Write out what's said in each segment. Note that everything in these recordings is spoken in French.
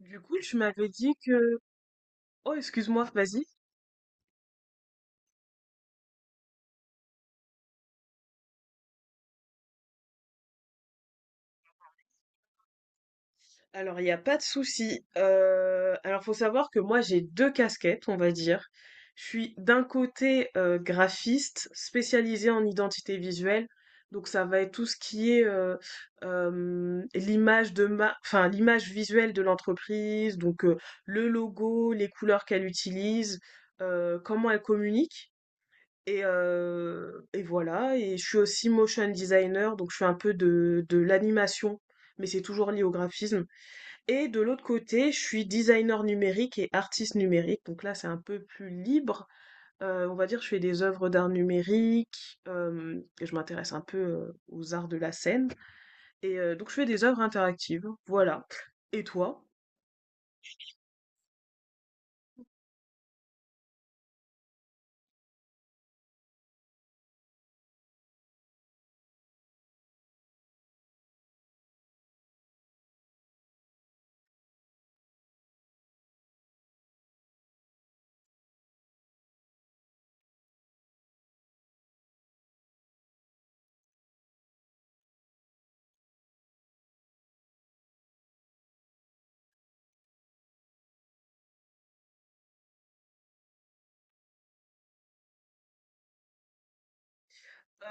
Du coup, tu m'avais dit que... Oh, excuse-moi, vas-y. Alors, il n'y a pas de souci. Faut savoir que moi, j'ai deux casquettes, on va dire. Je suis d'un côté graphiste spécialisée en identité visuelle. Donc, ça va être tout ce qui est l'image de ma, l'image visuelle de l'entreprise, donc le logo, les couleurs qu'elle utilise, comment elle communique. Et voilà et je suis aussi motion designer, donc je fais un peu de l'animation, mais c'est toujours lié au graphisme. Et de l'autre côté, je suis designer numérique et artiste numérique, donc là, c'est un peu plus libre. On va dire, je fais des œuvres d'art numérique, hem et je m'intéresse un peu, aux arts de la scène et donc je fais des œuvres interactives, voilà. Et toi?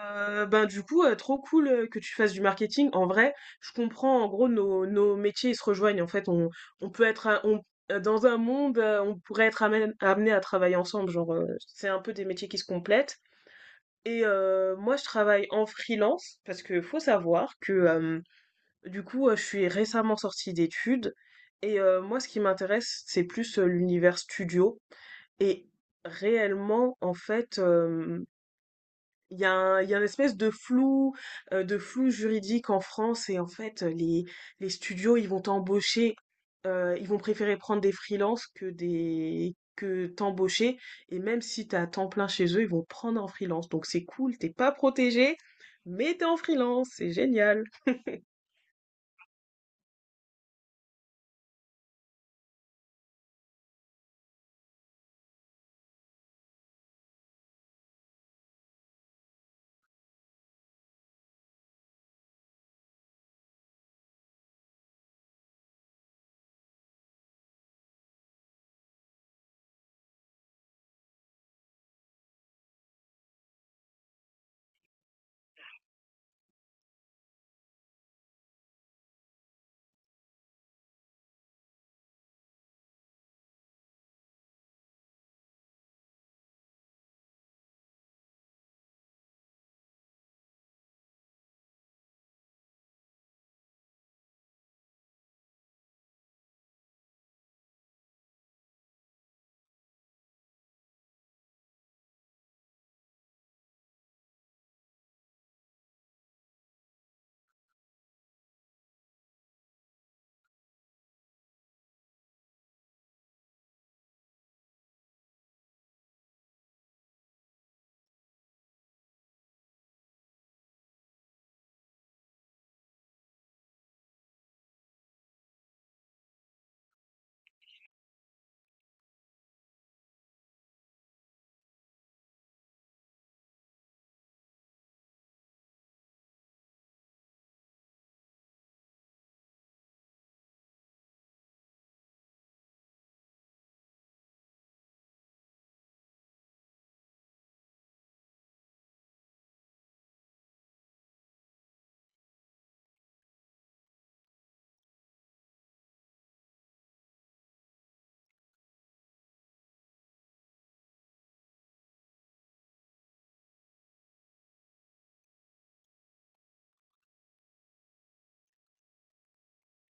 Ben du coup, trop cool que tu fasses du marketing. En vrai, je comprends. En gros, nos métiers ils se rejoignent. En fait, on peut dans un monde, on pourrait être amené à travailler ensemble. Genre, c'est un peu des métiers qui se complètent. Et moi, je travaille en freelance parce que faut savoir que je suis récemment sortie d'études. Et moi, ce qui m'intéresse, c'est plus l'univers studio. Et réellement, en fait. Il y a une espèce de flou juridique en France. Et les studios ils vont t'embaucher, ils vont préférer prendre des freelances que t'embaucher, et même si t'as à temps plein chez eux ils vont prendre en freelance. Donc c'est cool, t'es pas protégé mais t'es en freelance, c'est génial.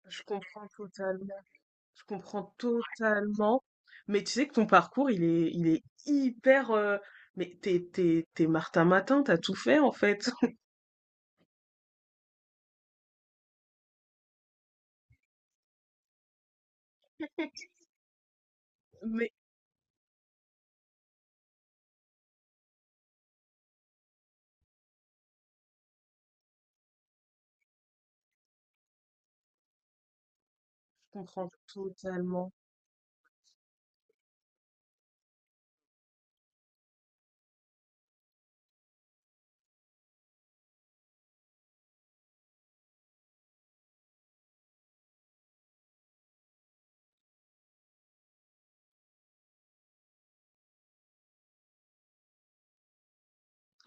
Je comprends totalement. Je comprends totalement. Mais tu sais que ton parcours, il est hyper. Mais t'es Martin Matin, t'as tout fait en fait. Comprends totalement.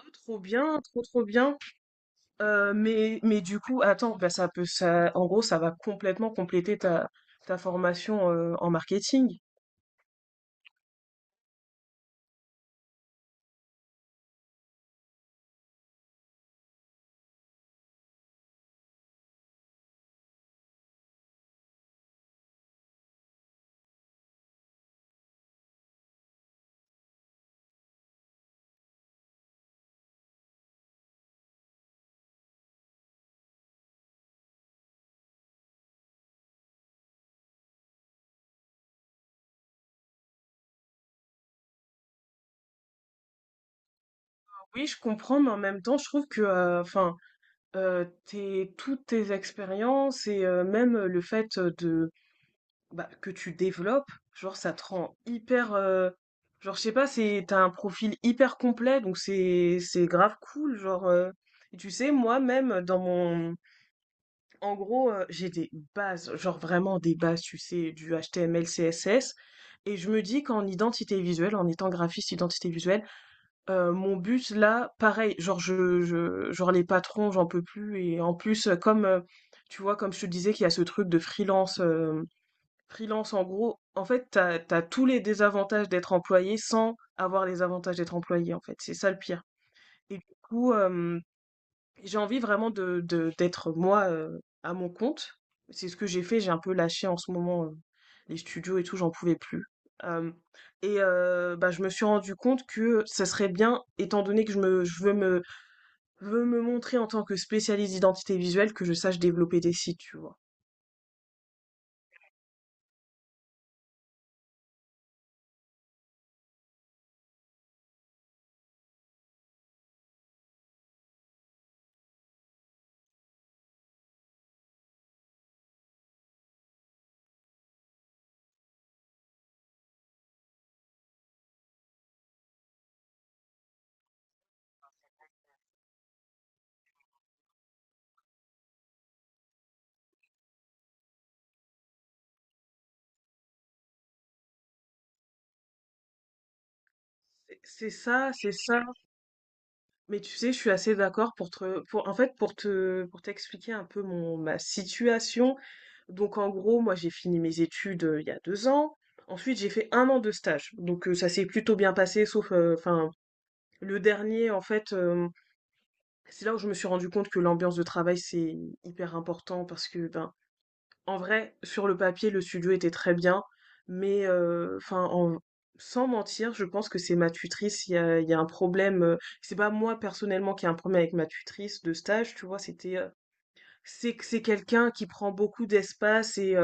Oh, trop bien, trop bien. Mais du coup, attends, bah ça peut ça en gros, ça va complètement compléter ta formation en marketing. Oui, je comprends, mais en même temps, je trouve que, tes toutes tes expériences et même le fait, de bah, que tu développes, genre ça te rend hyper, genre je sais pas, c'est t'as un profil hyper complet. Donc c'est grave cool genre, et tu sais moi-même dans mon en gros, j'ai des bases, genre vraiment des bases, tu sais, du HTML, CSS. Et je me dis qu'en identité visuelle, en étant graphiste identité visuelle, mon but là, pareil, genre je genre les patrons, j'en peux plus. Et en plus, tu vois, comme je te disais qu'il y a ce truc de freelance, freelance en gros, en fait, t'as tous les désavantages d'être employé sans avoir les avantages d'être employé, en fait. C'est ça le pire et du coup, euh, j'ai envie vraiment d'être moi à mon compte. C'est ce que j'ai fait, j'ai un peu lâché en ce moment les studios et tout, j'en pouvais plus. Euh, Bah, je me suis rendu compte que ça serait bien, étant donné que je me, je veux me montrer en tant que spécialiste d'identité visuelle, que je sache développer des sites, tu vois. C'est ça, c'est ça. Mais tu sais, je suis assez d'accord pour te, pour, en fait, pour te, pour t'expliquer un peu ma situation. Donc, en gros, moi, j'ai fini mes études il y a 2 ans. Ensuite, j'ai fait 1 an de stage. Donc, ça s'est plutôt bien passé, sauf, enfin, le dernier, en fait, c'est là où je me suis rendu compte que l'ambiance de travail, c'est hyper important parce que, ben, en vrai, sur le papier, le studio était très bien, mais sans mentir, je pense que c'est ma tutrice. Il y a un problème. C'est pas moi personnellement qui ai un problème avec ma tutrice de stage, tu vois. C'est quelqu'un qui prend beaucoup d'espace et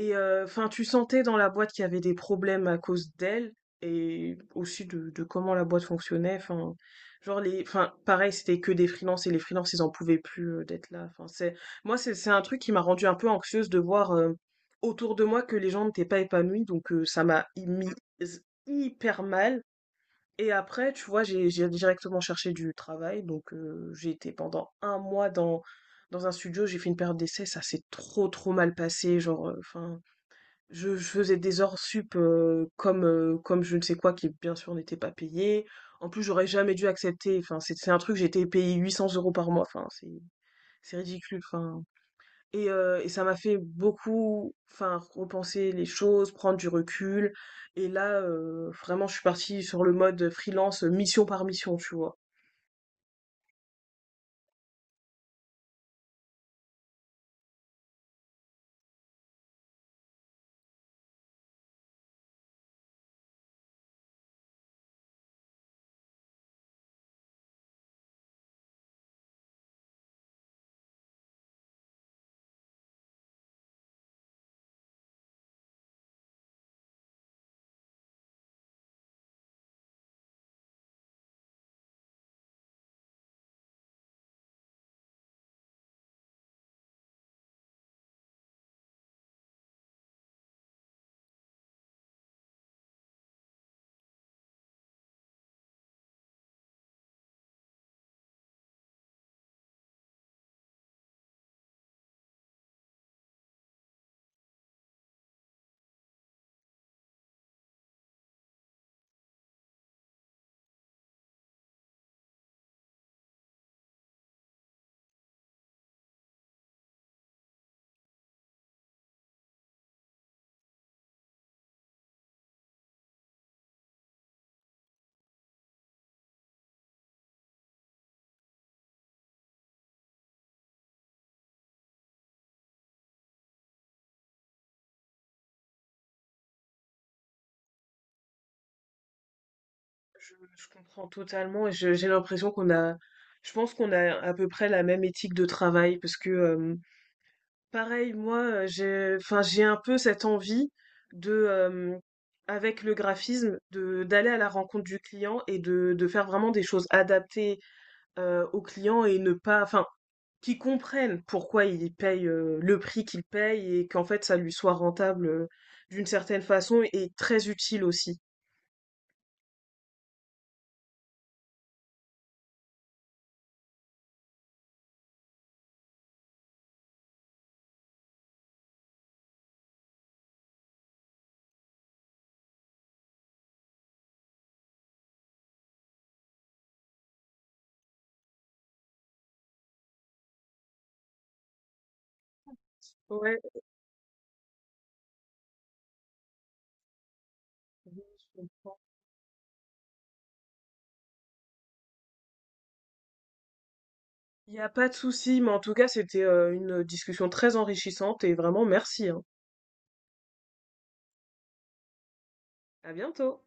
et euh, enfin, tu sentais dans la boîte qu'il y avait des problèmes à cause d'elle et aussi de comment la boîte fonctionnait. Enfin, pareil, c'était que des freelances et les freelances, ils en pouvaient plus d'être là. C'est un truc qui m'a rendu un peu anxieuse de voir autour de moi que les gens n'étaient pas épanouis, donc ça m'a mis hyper mal. Et après, tu vois, j'ai directement cherché du travail, donc j'ai été pendant 1 mois dans dans un studio, j'ai fait une période d'essai, ça s'est trop mal passé, genre, je faisais des hors sup comme je ne sais quoi, qui bien sûr n'était pas payé. En plus, j'aurais jamais dû accepter. C'est un truc, j'ai été payé 800 € par mois. C'est ridicule. Et ça m'a fait beaucoup, enfin, repenser les choses, prendre du recul. Et là, vraiment, je suis partie sur le mode freelance, mission par mission, tu vois. Je comprends totalement et j'ai l'impression qu'on a, je pense qu'on a à peu près la même éthique de travail parce que pareil, moi, j'ai un peu cette envie de, euh, avec le graphisme, de d'aller à la rencontre du client et de faire vraiment des choses adaptées au client et ne pas, enfin, qu'il comprennent pourquoi il paye le prix qu'il paye et qu'en fait ça lui soit rentable d'une certaine façon et très utile aussi. Ouais, oui, je comprends. Il n'y a pas de souci, mais en tout cas, c'était une discussion très enrichissante et vraiment merci, hein. À bientôt.